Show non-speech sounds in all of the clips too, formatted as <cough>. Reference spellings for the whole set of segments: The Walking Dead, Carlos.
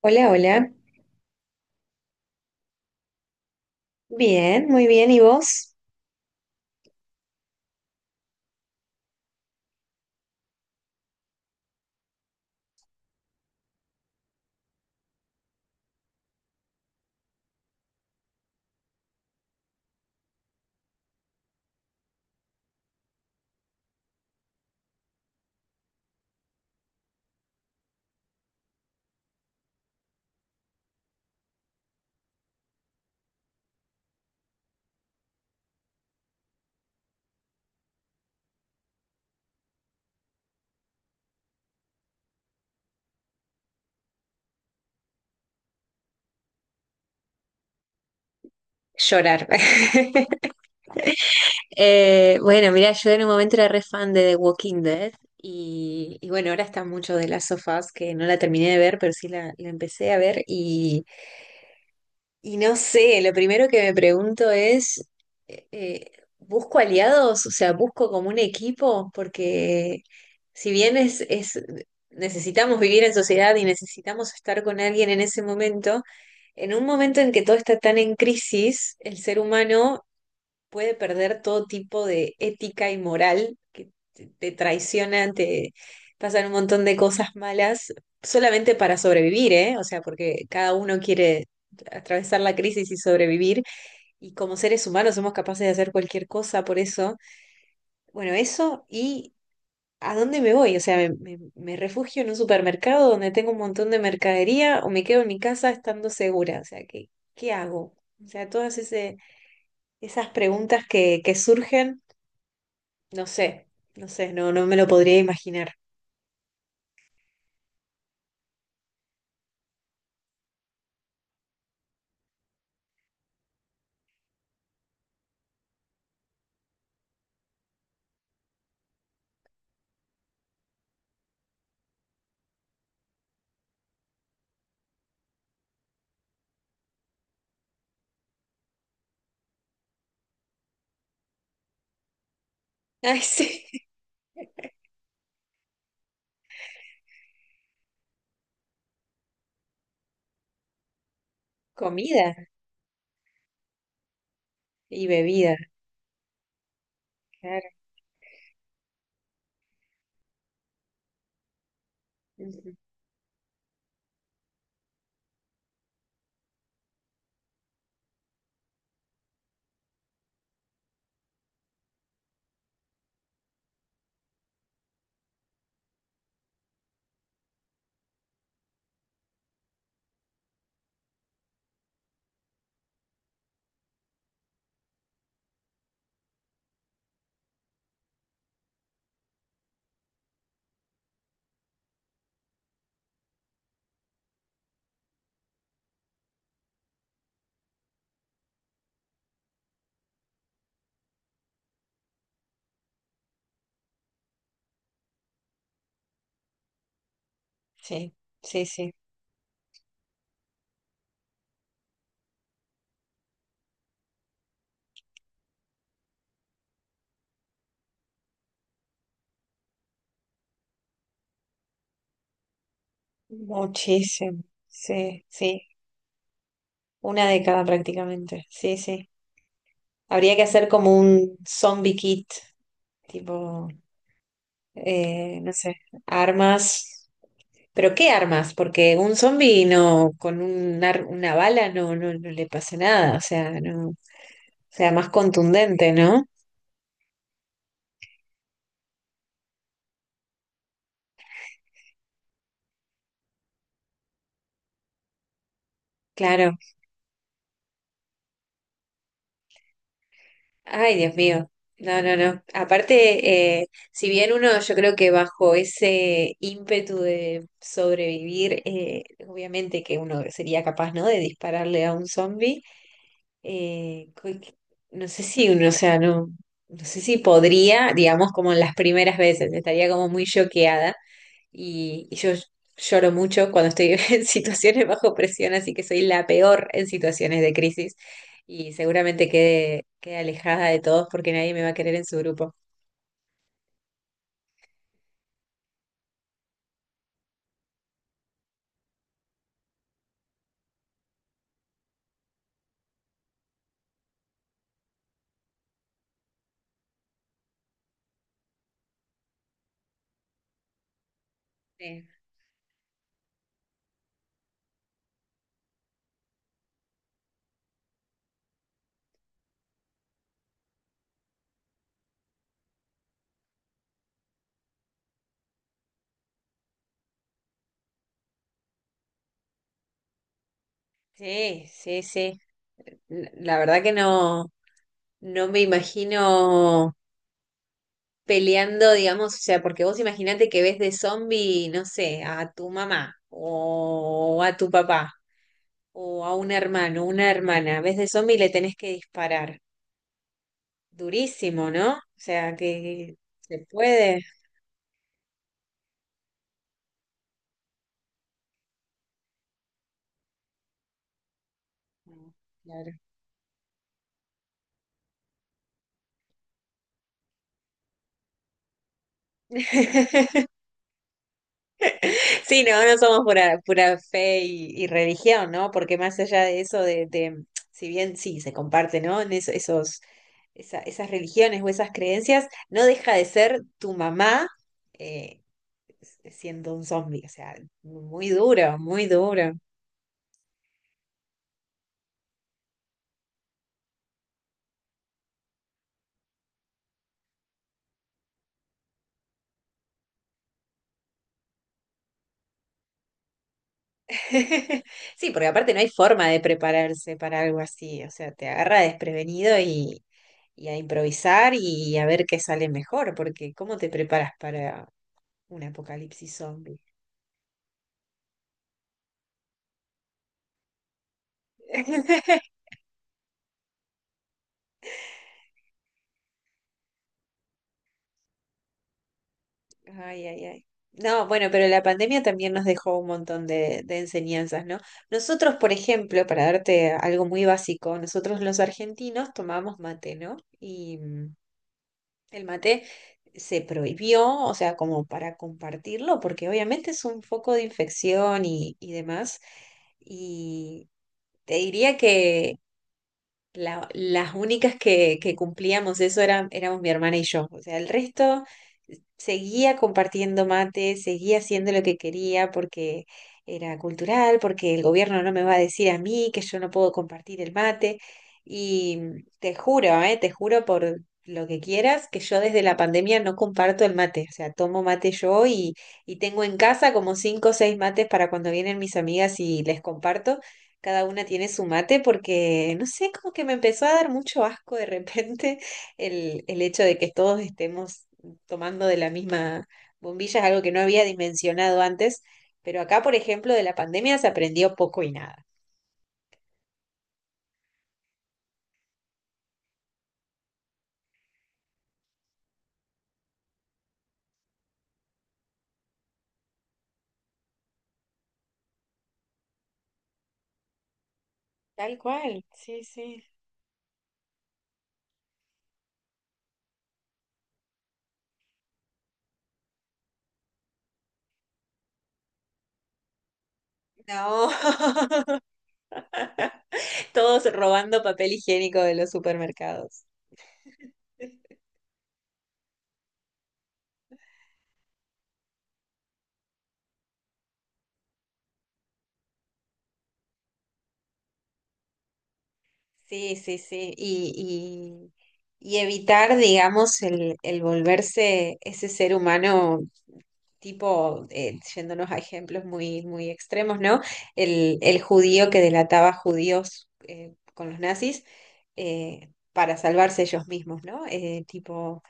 Hola, hola. Bien, muy bien. ¿Y vos? Llorar. <laughs> Yo en un momento era re fan de The Walking Dead y, bueno, ahora está mucho de las sofás que no la terminé de ver, pero sí la empecé a ver y no sé, lo primero que me pregunto es, eh, ¿busco aliados? O sea, ¿busco como un equipo? Porque si bien es, necesitamos vivir en sociedad y necesitamos estar con alguien en ese momento. En un momento en que todo está tan en crisis, el ser humano puede perder todo tipo de ética y moral, que te traicionan, te pasan un montón de cosas malas, solamente para sobrevivir, ¿eh? O sea, porque cada uno quiere atravesar la crisis y sobrevivir, y como seres humanos somos capaces de hacer cualquier cosa por eso. Bueno, eso y ¿a dónde me voy? O sea, me refugio en un supermercado donde tengo un montón de mercadería o me quedo en mi casa estando segura? O sea, ¿qué, qué hago? O sea, esas preguntas que surgen, no sé, no sé, no me lo podría imaginar. <laughs> Ay, sí. Comida y bebida, claro. Ujú. Sí, sí, sí. Muchísimo. Sí, sí. Una década prácticamente. Sí, sí. Habría que hacer como un zombie kit, tipo. No sé, armas. ¿Pero qué armas? Porque un zombi no, con una bala no, no le pasa nada, o sea, no, o sea, más contundente, ¿no? Claro. Ay, Dios mío. No, no, no. Aparte, si bien uno, yo creo que bajo ese ímpetu de sobrevivir, obviamente que uno sería capaz, ¿no? De dispararle a un zombi eh, cu- no sé si uno, o sea, no, no sé si podría, digamos, como en las primeras veces, estaría como muy choqueada y yo lloro mucho cuando estoy <laughs> en situaciones bajo presión, así que soy la peor en situaciones de crisis y seguramente quede alejada de todos porque nadie me va a querer en su grupo. Sí, sí, sí. Sí. La verdad que no, no me imagino. Peleando, digamos, o sea, porque vos imaginate que ves de zombie, no sé, a tu mamá o a tu papá o a un hermano, una hermana, ves de zombie y le tenés que disparar. Durísimo, ¿no? O sea, que se puede. No, claro. <laughs> Sí, no, no somos pura, pura fe y religión, ¿no? Porque más allá de eso, si bien sí se comparte, ¿no? Esos, esas religiones o esas creencias, no deja de ser tu mamá eh, siendo un zombie, o sea, muy duro, muy duro. <laughs> Sí, porque aparte no hay forma de prepararse para algo así, o sea, te agarra desprevenido y a improvisar y a ver qué sale mejor, porque ¿cómo te preparas para un apocalipsis zombie? <laughs> Ay, ay, ay. No, bueno, pero la pandemia también nos dejó un montón de enseñanzas, ¿no? Nosotros, por ejemplo, para darte algo muy básico, nosotros los argentinos tomamos mate, ¿no? Y el mate se prohibió, o sea, como para compartirlo, porque obviamente es un foco de infección y demás. Y te diría las únicas que cumplíamos eso eran, éramos mi hermana y yo. O sea, el resto seguía compartiendo mate, seguía haciendo lo que quería porque era cultural, porque el gobierno no me va a decir a mí que yo no puedo compartir el mate. Y te juro por lo que quieras, que yo desde la pandemia no comparto el mate. O sea, tomo mate yo y tengo en casa como cinco o seis mates para cuando vienen mis amigas y les comparto cada una tiene su mate porque, no sé, como que me empezó a dar mucho asco de repente <laughs> el hecho de que todos estemos tomando de la misma bombilla, es algo que no había dimensionado antes, pero acá, por ejemplo, de la pandemia se aprendió poco y nada. Tal cual, sí, sí. No, <laughs> todos robando papel higiénico de los supermercados. Sí, sí, sí. Y, y evitar, digamos, el volverse ese ser humano tipo, yéndonos a ejemplos muy, muy extremos, ¿no? El judío que delataba judíos con los nazis para salvarse ellos mismos, ¿no? Tipo,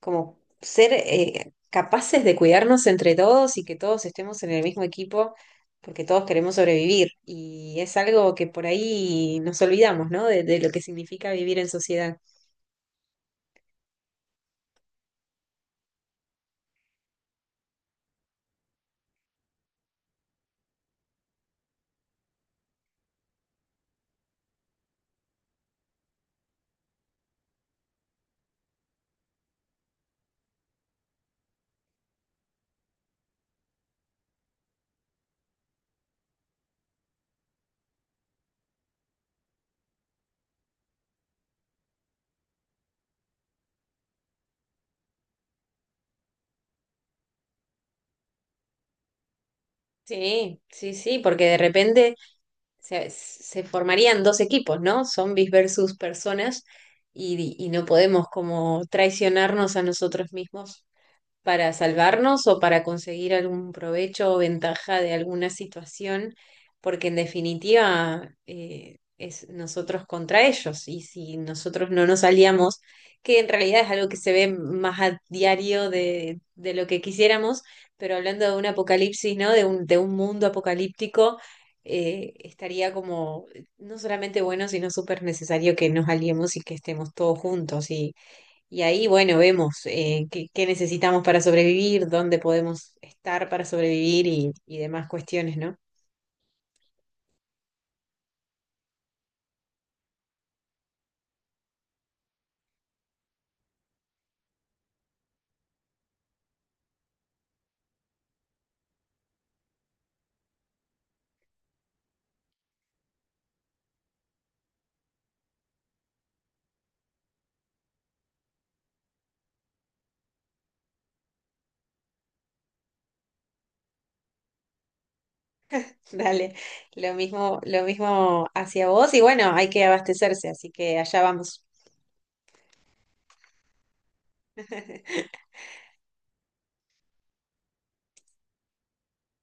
como ser capaces de cuidarnos entre todos y que todos estemos en el mismo equipo. Porque todos queremos sobrevivir y es algo que por ahí nos olvidamos, ¿no? De lo que significa vivir en sociedad. Sí, sí, sí, porque de repente se formarían dos equipos, ¿no? Zombies versus personas y no podemos como traicionarnos a nosotros mismos para salvarnos o para conseguir algún provecho o ventaja de alguna situación, porque en definitiva es nosotros contra ellos y si nosotros no nos aliamos, que en realidad es algo que se ve más a diario de lo que quisiéramos, pero hablando de un apocalipsis, ¿no? De de un mundo apocalíptico. Estaría como no solamente bueno, sino súper necesario que nos aliemos y que estemos todos juntos y ahí, bueno, vemos qué, qué necesitamos para sobrevivir, dónde podemos estar para sobrevivir y demás cuestiones, ¿no? <laughs> Dale, lo mismo hacia vos y bueno, hay que abastecerse, así que allá vamos. <laughs>